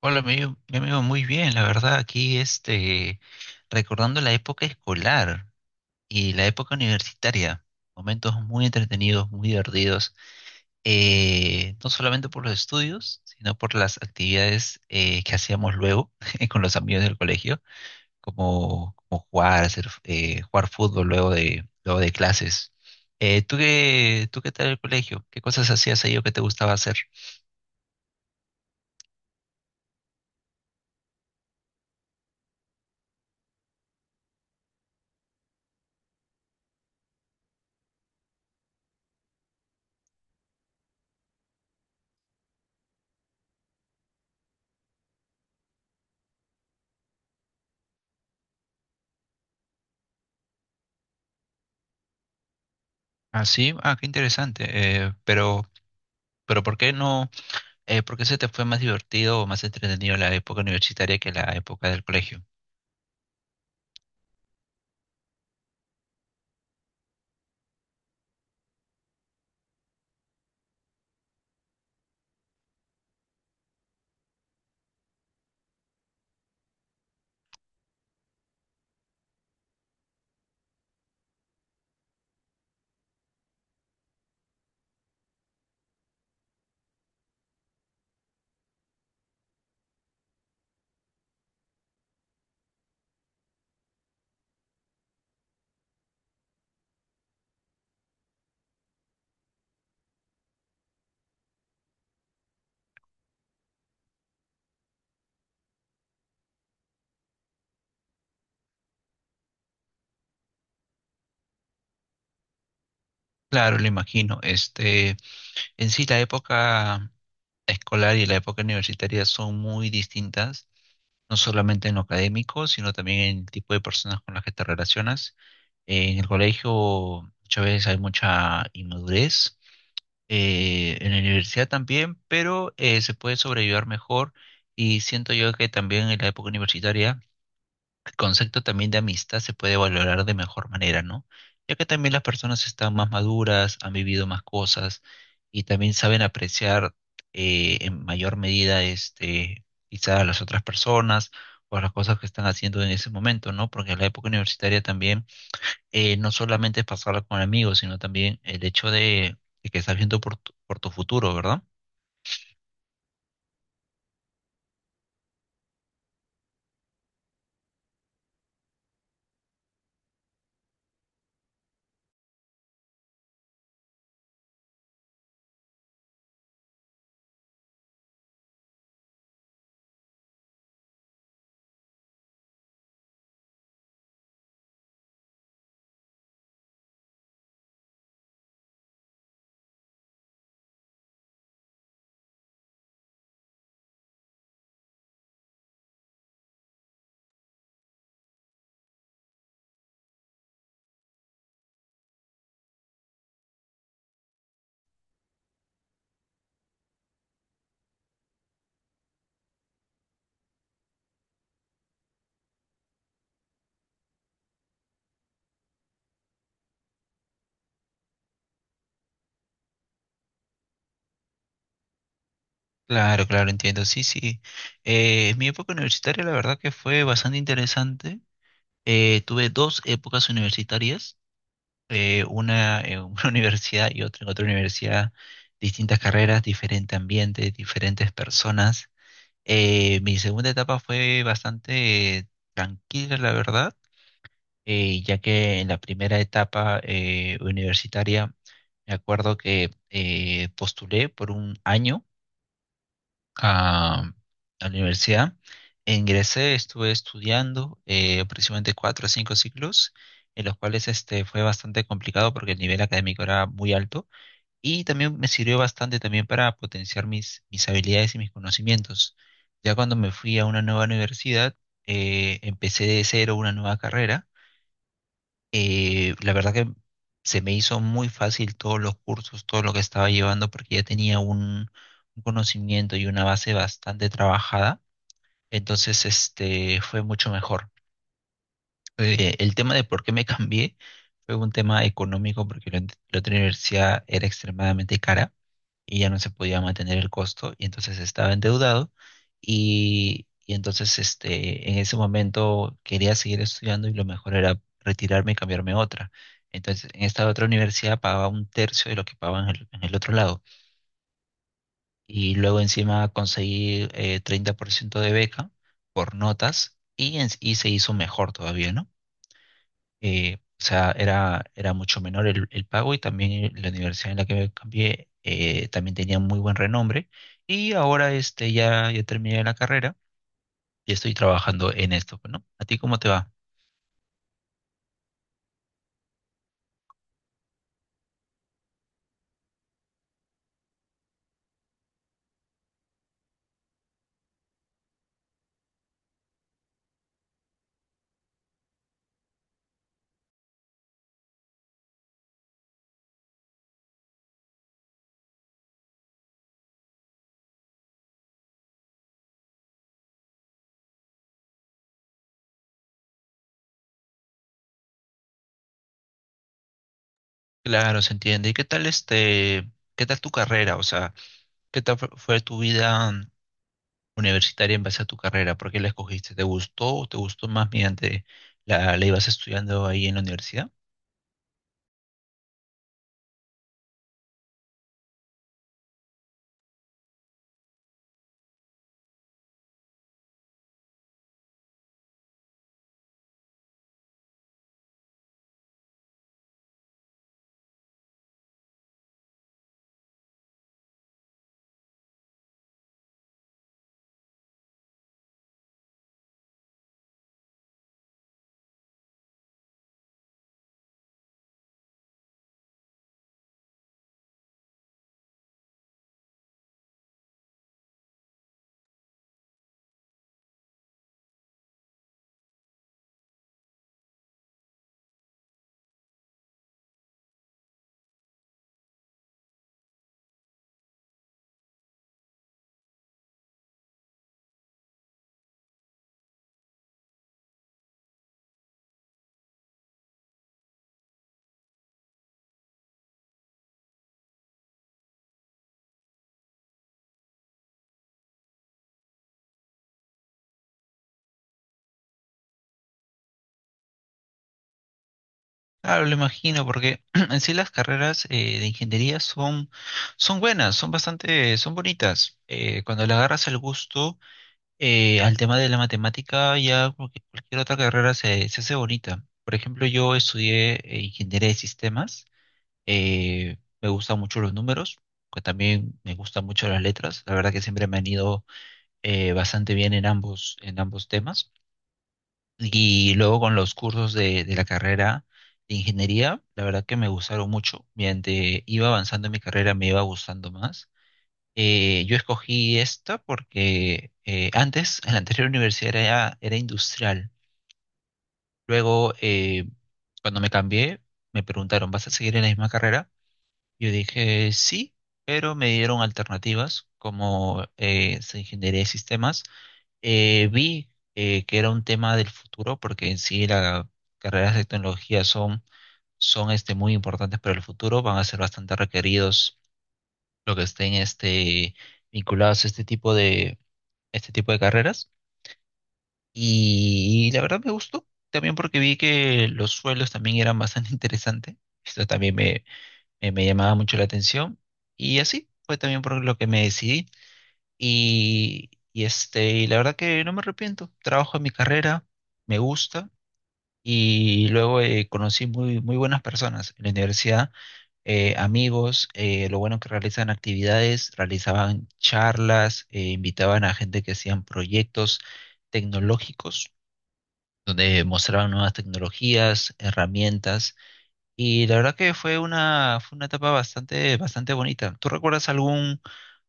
Hola, mi amigo, muy bien, la verdad, aquí este, recordando la época escolar y la época universitaria, momentos muy entretenidos, muy divertidos, no solamente por los estudios, sino por las actividades que hacíamos luego con los amigos del colegio, como jugar, hacer, jugar fútbol luego de clases. ¿Tú qué tal el colegio? ¿Qué cosas hacías ahí o qué te gustaba hacer? Ah, sí, ah, qué interesante, pero, ¿por qué no? ¿Por qué se te fue más divertido o más entretenido la época universitaria que la época del colegio? Claro, lo imagino. Este, en sí, la época escolar y la época universitaria son muy distintas, no solamente en lo académico, sino también en el tipo de personas con las que te relacionas. En el colegio muchas veces hay mucha inmadurez, en la universidad también, pero se puede sobrevivir mejor y siento yo que también en la época universitaria concepto también de amistad se puede valorar de mejor manera, ¿no? Ya que también las personas están más maduras, han vivido más cosas y también saben apreciar en mayor medida este, quizá a las otras personas o a las cosas que están haciendo en ese momento, ¿no? Porque en la época universitaria también no solamente es pasarla con amigos, sino también el hecho de que estás viendo por tu futuro, ¿verdad? Claro, claro, entiendo. Sí, sí. Mi época universitaria, la verdad que fue bastante interesante. Tuve dos épocas universitarias, una en una universidad y otra en otra universidad, distintas carreras, diferente ambiente, diferentes personas. Mi segunda etapa fue bastante tranquila, la verdad, ya que en la primera etapa universitaria me acuerdo que postulé por un año a la universidad. Ingresé, estuve estudiando aproximadamente cuatro o cinco ciclos, en los cuales este, fue bastante complicado porque el nivel académico era muy alto y también me sirvió bastante también para potenciar mis habilidades y mis conocimientos. Ya cuando me fui a una nueva universidad, empecé de cero una nueva carrera la verdad que se me hizo muy fácil todos los cursos, todo lo que estaba llevando, porque ya tenía un conocimiento y una base bastante trabajada. Entonces, este, fue mucho mejor. El tema de por qué me cambié fue un tema económico, porque la otra universidad era extremadamente cara y ya no se podía mantener el costo y entonces estaba endeudado y entonces este, en ese momento quería seguir estudiando y lo mejor era retirarme y cambiarme a otra. Entonces en esta otra universidad pagaba un tercio de lo que pagaba en el otro lado y luego encima conseguí 30% de beca por notas y se hizo mejor todavía, ¿no? O sea, era mucho menor el pago y también la universidad en la que me cambié también tenía muy buen renombre. Y ahora este, ya, ya terminé la carrera y estoy trabajando en esto, pues, ¿no? ¿A ti cómo te va? Claro, se entiende. ¿Y qué tal este, qué tal tu carrera? O sea, ¿qué tal fue tu vida universitaria en base a tu carrera? ¿Por qué la escogiste? ¿Te gustó o te gustó más mediante la ibas estudiando ahí en la universidad? Claro, lo imagino, porque en sí las carreras de ingeniería son, son buenas, son bastante, son bonitas. Cuando le agarras el gusto al tema de la matemática, ya cualquier otra carrera se hace bonita. Por ejemplo, yo estudié ingeniería de sistemas, me gustan mucho los números, que también me gustan mucho las letras. La verdad que siempre me han ido bastante bien en ambos temas. Y luego con los cursos de la carrera de ingeniería, la verdad que me gustaron mucho. Mediante iba avanzando en mi carrera, me iba gustando más. Yo escogí esta porque antes, en la anterior universidad era industrial. Luego, cuando me cambié, me preguntaron, ¿vas a seguir en la misma carrera? Yo dije, sí, pero me dieron alternativas como ingeniería de sistemas vi que era un tema del futuro, porque en sí las carreras de tecnología son este, muy importantes para el futuro, van a ser bastante requeridos lo que estén este, vinculados a este tipo de carreras. Y, la verdad me gustó, también porque vi que los suelos también eran bastante interesantes. Esto también me llamaba mucho la atención. Y así fue también por lo que me decidí. Y, este, y la verdad que no me arrepiento. Trabajo en mi carrera, me gusta. Y luego conocí muy, muy buenas personas en la universidad, amigos, lo bueno que realizan actividades, realizaban charlas, invitaban a gente que hacían proyectos tecnológicos, donde mostraban nuevas tecnologías, herramientas. Y la verdad que fue una etapa bastante, bastante bonita. ¿Tú recuerdas algún,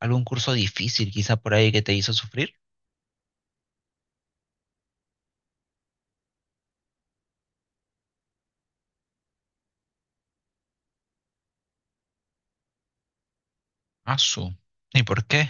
algún curso difícil quizá por ahí que te hizo sufrir? Asu. ¿Y por qué?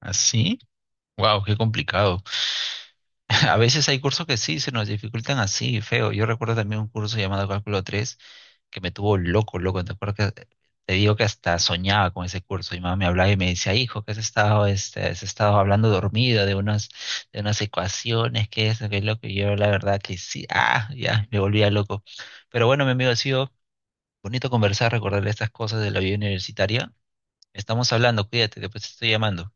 ¿Así? Wow, qué complicado. A veces hay cursos que sí se nos dificultan así, feo. Yo recuerdo también un curso llamado Cálculo 3 que me tuvo loco, loco. Te acuerdas que te digo que hasta soñaba con ese curso. Mi mamá me hablaba y me decía, hijo, que has estado hablando dormido de unas, ecuaciones, que eso, que loco. Y yo la verdad que sí, ah, ya, me volvía loco. Pero bueno, mi amigo, ha sido bonito conversar, recordar estas cosas de la vida universitaria. Estamos hablando, cuídate, después te estoy llamando.